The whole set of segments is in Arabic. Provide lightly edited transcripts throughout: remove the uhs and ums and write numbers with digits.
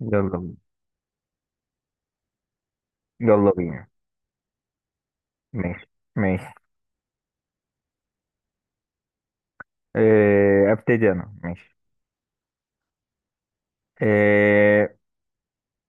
يلا بينا. يلا بينا. ماشي. ماشي. أه، ابتدي انا. ماشي. أه.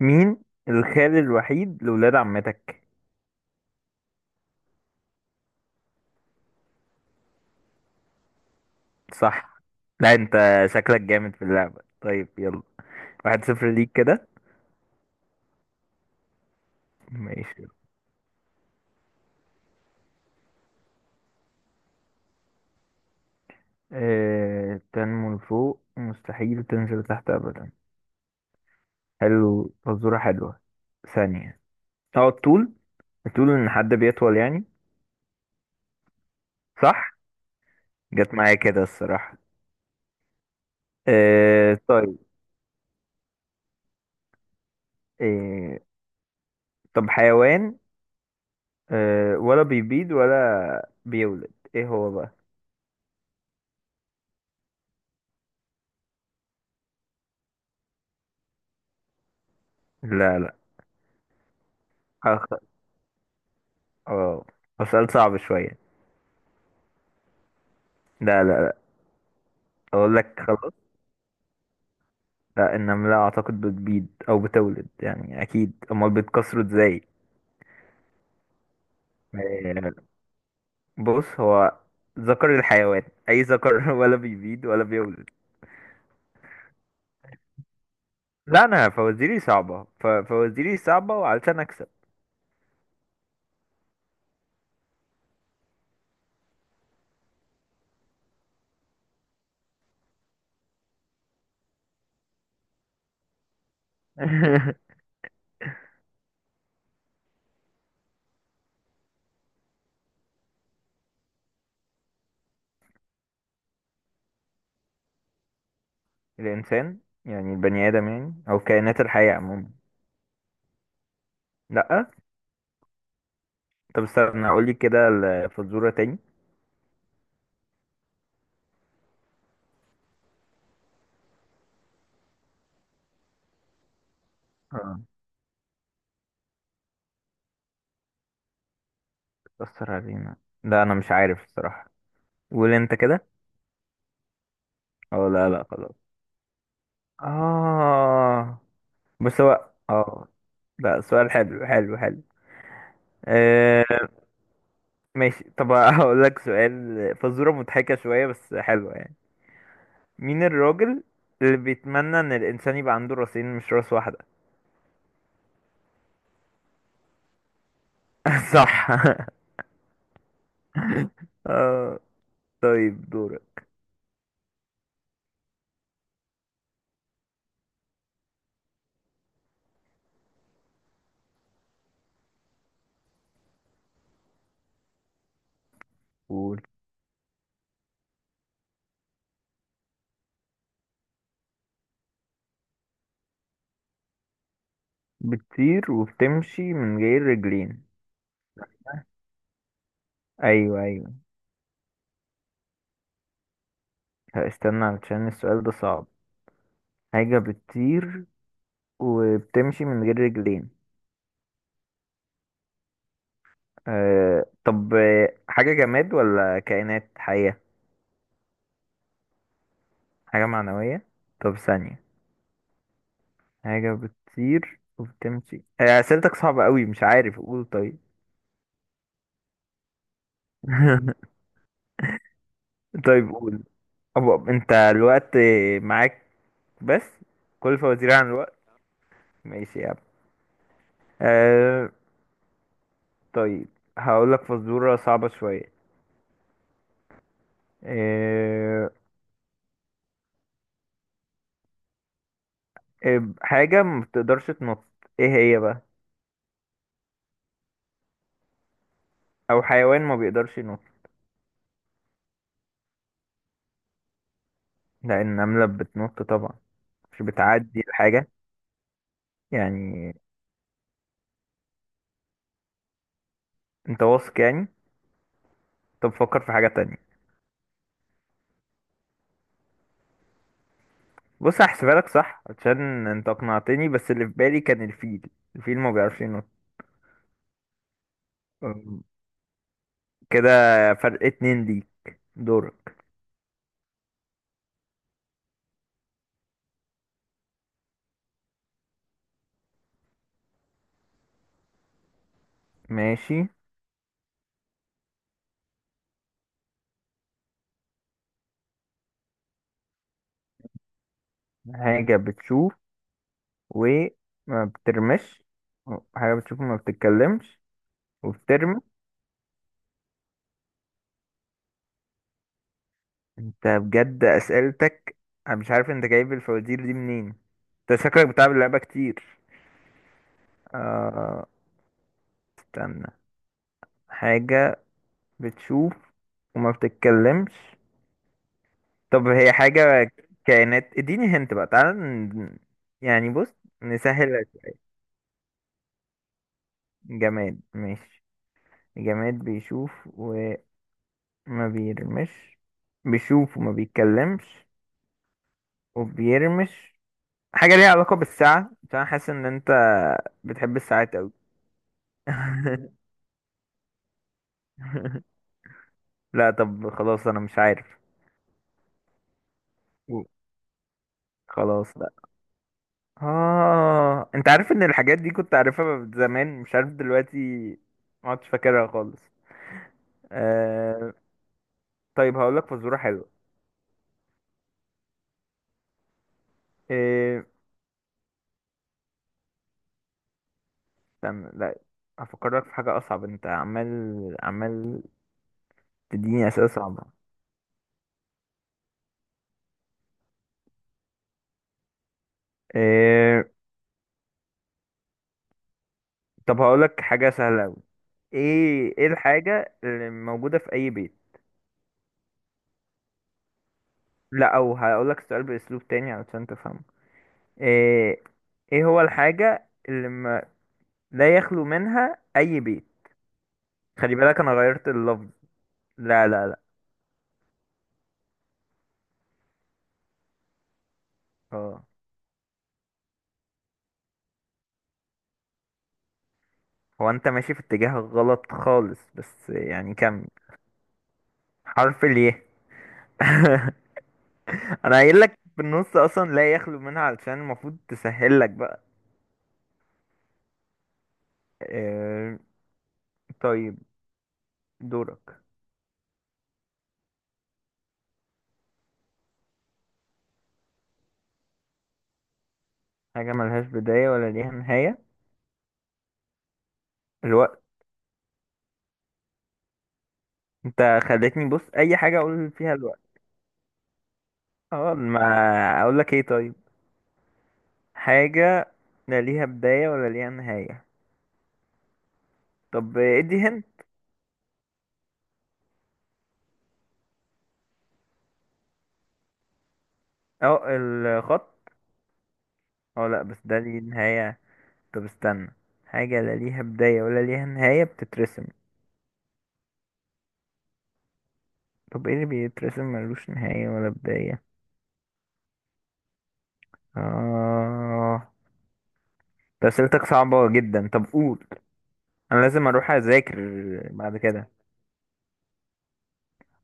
مين الخال الوحيد لولاد عمتك؟ صح. لا انت شكلك جامد في اللعبة، طيب يلا. 1-0 ليك كده. ماشي. أه، تنمو لفوق مستحيل تنزل تحت ابدا. حلو، فزورة حلوة. ثانية. اه، الطول. الطول ان حد بيطول يعني. صح. جت معايا كده الصراحة. أه طيب. أه. طب حيوان، أه ولا بيبيض ولا بيولد، ايه هو بقى؟ لا لا. أخ... اه، هو سؤال صعب شوية. لا لا لا. اقول لك خلاص. لا، النملة اعتقد بتبيض او بتولد يعني اكيد، امال بتكسره ازاي؟ أه، بص، هو ذكر الحيوان. اي ذكر ولا بيبيض ولا بيولد. لا، انا فوازيري صعبة فوازيري صعبة وعلشان اكسب. الانسان، يعني البني ادم يعني، او كائنات الحية عموما. لا. طب استنى اقول لك كده الفزورة تاني. اه، بتأثر علينا. لا انا مش عارف الصراحة، قول انت كده. اه لا لا خلاص. اه. بس هو اه. لا، سؤال حلو حلو حلو. آه. ماشي، طب هقول لك سؤال، فزورة مضحكة شوية بس حلوة يعني. مين الراجل اللي بيتمنى ان الانسان يبقى عنده راسين مش راس واحدة؟ صح. اه طيب، دورك. قول. بتطير وبتمشي من غير رجلين. ايوه ايوه. هستنى علشان السؤال ده صعب. حاجة بتطير وبتمشي من غير رجلين. آه طب حاجة جماد ولا كائنات حية؟ حاجة معنوية. طب ثانية. حاجة بتطير وبتمشي، أسئلتك صعبة قوي، مش عارف، قول طيب. طيب قول. أبقى انت الوقت معاك بس، كل فوازير عن الوقت. ماشي يا عم. آه طيب، هقول لك فزورة صعبة شوية. آه. حاجة ما بتقدرش تنط، ايه هي بقى؟ او حيوان ما بيقدرش ينط. لأن النملة بتنط طبعا، مش بتعدي الحاجة يعني. انت واثق يعني؟ طب فكر في حاجة تانية. بص، هحسبها لك صح عشان انت اقنعتني، بس اللي في بالي كان الفيل. الفيل ما بيعرفش ينط. أم، كده فرق اتنين ليك. دورك. ماشي. حاجة بتشوف وما بترمش. حاجة بتشوف وما بتتكلمش وبترمي. انت بجد اسئلتك، انا مش عارف انت جايب الفوازير دي منين، انت شكلك بتلعب اللعبة كتير. آه... استنى. حاجة بتشوف وما بتتكلمش. طب هي حاجة كائنات، اديني هنت بقى تعالى يعني بص، نسهل لك. جماد ماشي. جماد بيشوف وما بيرمش، بيشوف وما بيتكلمش وبيرمش. حاجة ليها علاقة بالساعة، عشان أنا حاسس ان انت بتحب الساعات اوي. لا طب خلاص، انا مش عارف. خلاص. اه، انت عارف ان الحاجات دي كنت عارفها زمان، مش عارف دلوقتي ما عدتش فاكرها خالص. آه... طيب هقول لك فزوره حلوه. آه... استنى لا، هفكرك في حاجه اصعب، انت عمال عمال تديني اسئله صعبه. آه... طب هقول لك حاجه سهله قوي. ايه الحاجه اللي موجوده في اي بيت؟ لا، او هقول لك السؤال باسلوب تاني علشان تفهمه. آه... ايه هو الحاجه اللي ما... لا يخلو منها اي بيت؟ خلي بالك، انا غيرت اللفظ. لا لا لا. اه. هو انت ماشي في اتجاه غلط خالص، بس يعني كمل. حرف الياء. انا قايل لك في النص اصلا لا يخلو منها، علشان المفروض تسهل لك بقى. آه، طيب دورك. حاجة ملهاش بداية ولا ليها نهاية. الوقت. انت خلتني بص اي حاجة اقول فيها الوقت. اه ما اقول لك ايه؟ طيب، حاجة لا ليها بداية ولا ليها نهاية. طب ادي هنا. اه الخط. اه لا، بس ده ليه نهاية. طب استنى، حاجة لا ليها بداية ولا ليها نهاية بتترسم. طب ايه اللي بيترسم ملوش نهاية ولا بداية؟ اه، ده اسئلتك صعبة جدا، طب قول انا لازم اروح اذاكر. بعد كده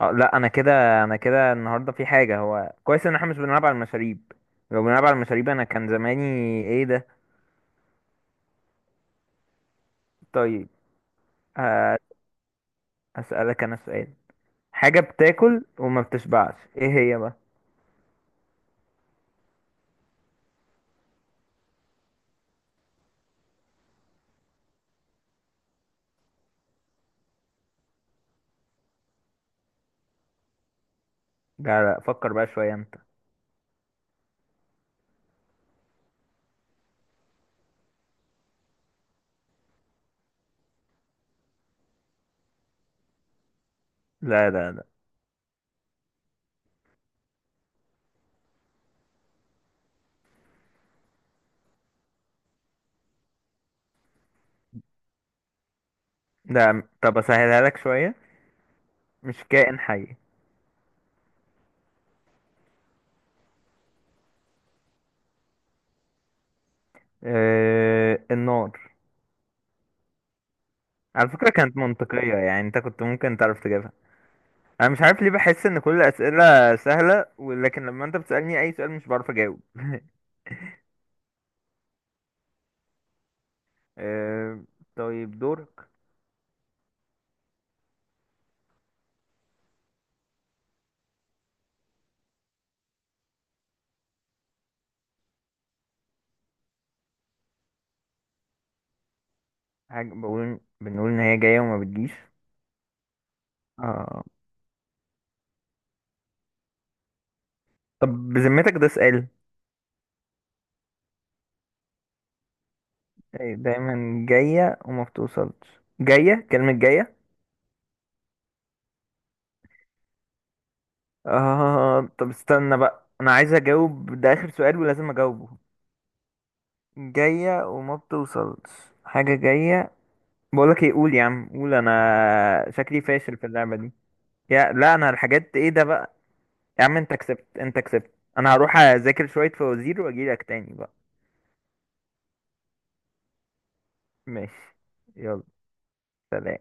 اه لا، انا كده النهاردة في حاجة. هو كويس ان احنا مش بنلعب على المشاريب، لو بنلعب على المشاريب انا كان زماني. ايه ده؟ طيب ه- هسألك انا سؤال. حاجة بتاكل وما بتشبعش، ايه هي بقى؟ لا لا، فكر بقى شوية انت. لا لا لا. ده طب اسهلها لك شوية، مش كائن حي. آه النار. على فكرة كانت منطقية يعني، انت كنت ممكن تعرف تجيبها. انا مش عارف ليه بحس ان كل الاسئلة سهلة، ولكن لما انت بتسألني اي سؤال مش بعرف اجاوب. آه طيب دورك. حاجة بقول بنقول ان هي جاية وما بتجيش. آه طب بذمتك ده سؤال؟ دايما جاية وما بتوصلش، جاية، كلمة جاية. آه طب استنى بقى، انا عايز اجاوب، ده اخر سؤال ولازم اجاوبه. جاية وما بتوصلش، حاجة جاية. بقولك ايه، قول يا عم، قول، انا شكلي فاشل في اللعبة دي. يا لا انا الحاجات، ايه ده بقى؟ يا عم انت كسبت، انت كسبت. انا هروح اذاكر شوية فوازير واجيلك تاني بقى. ماشي. يلا سلام.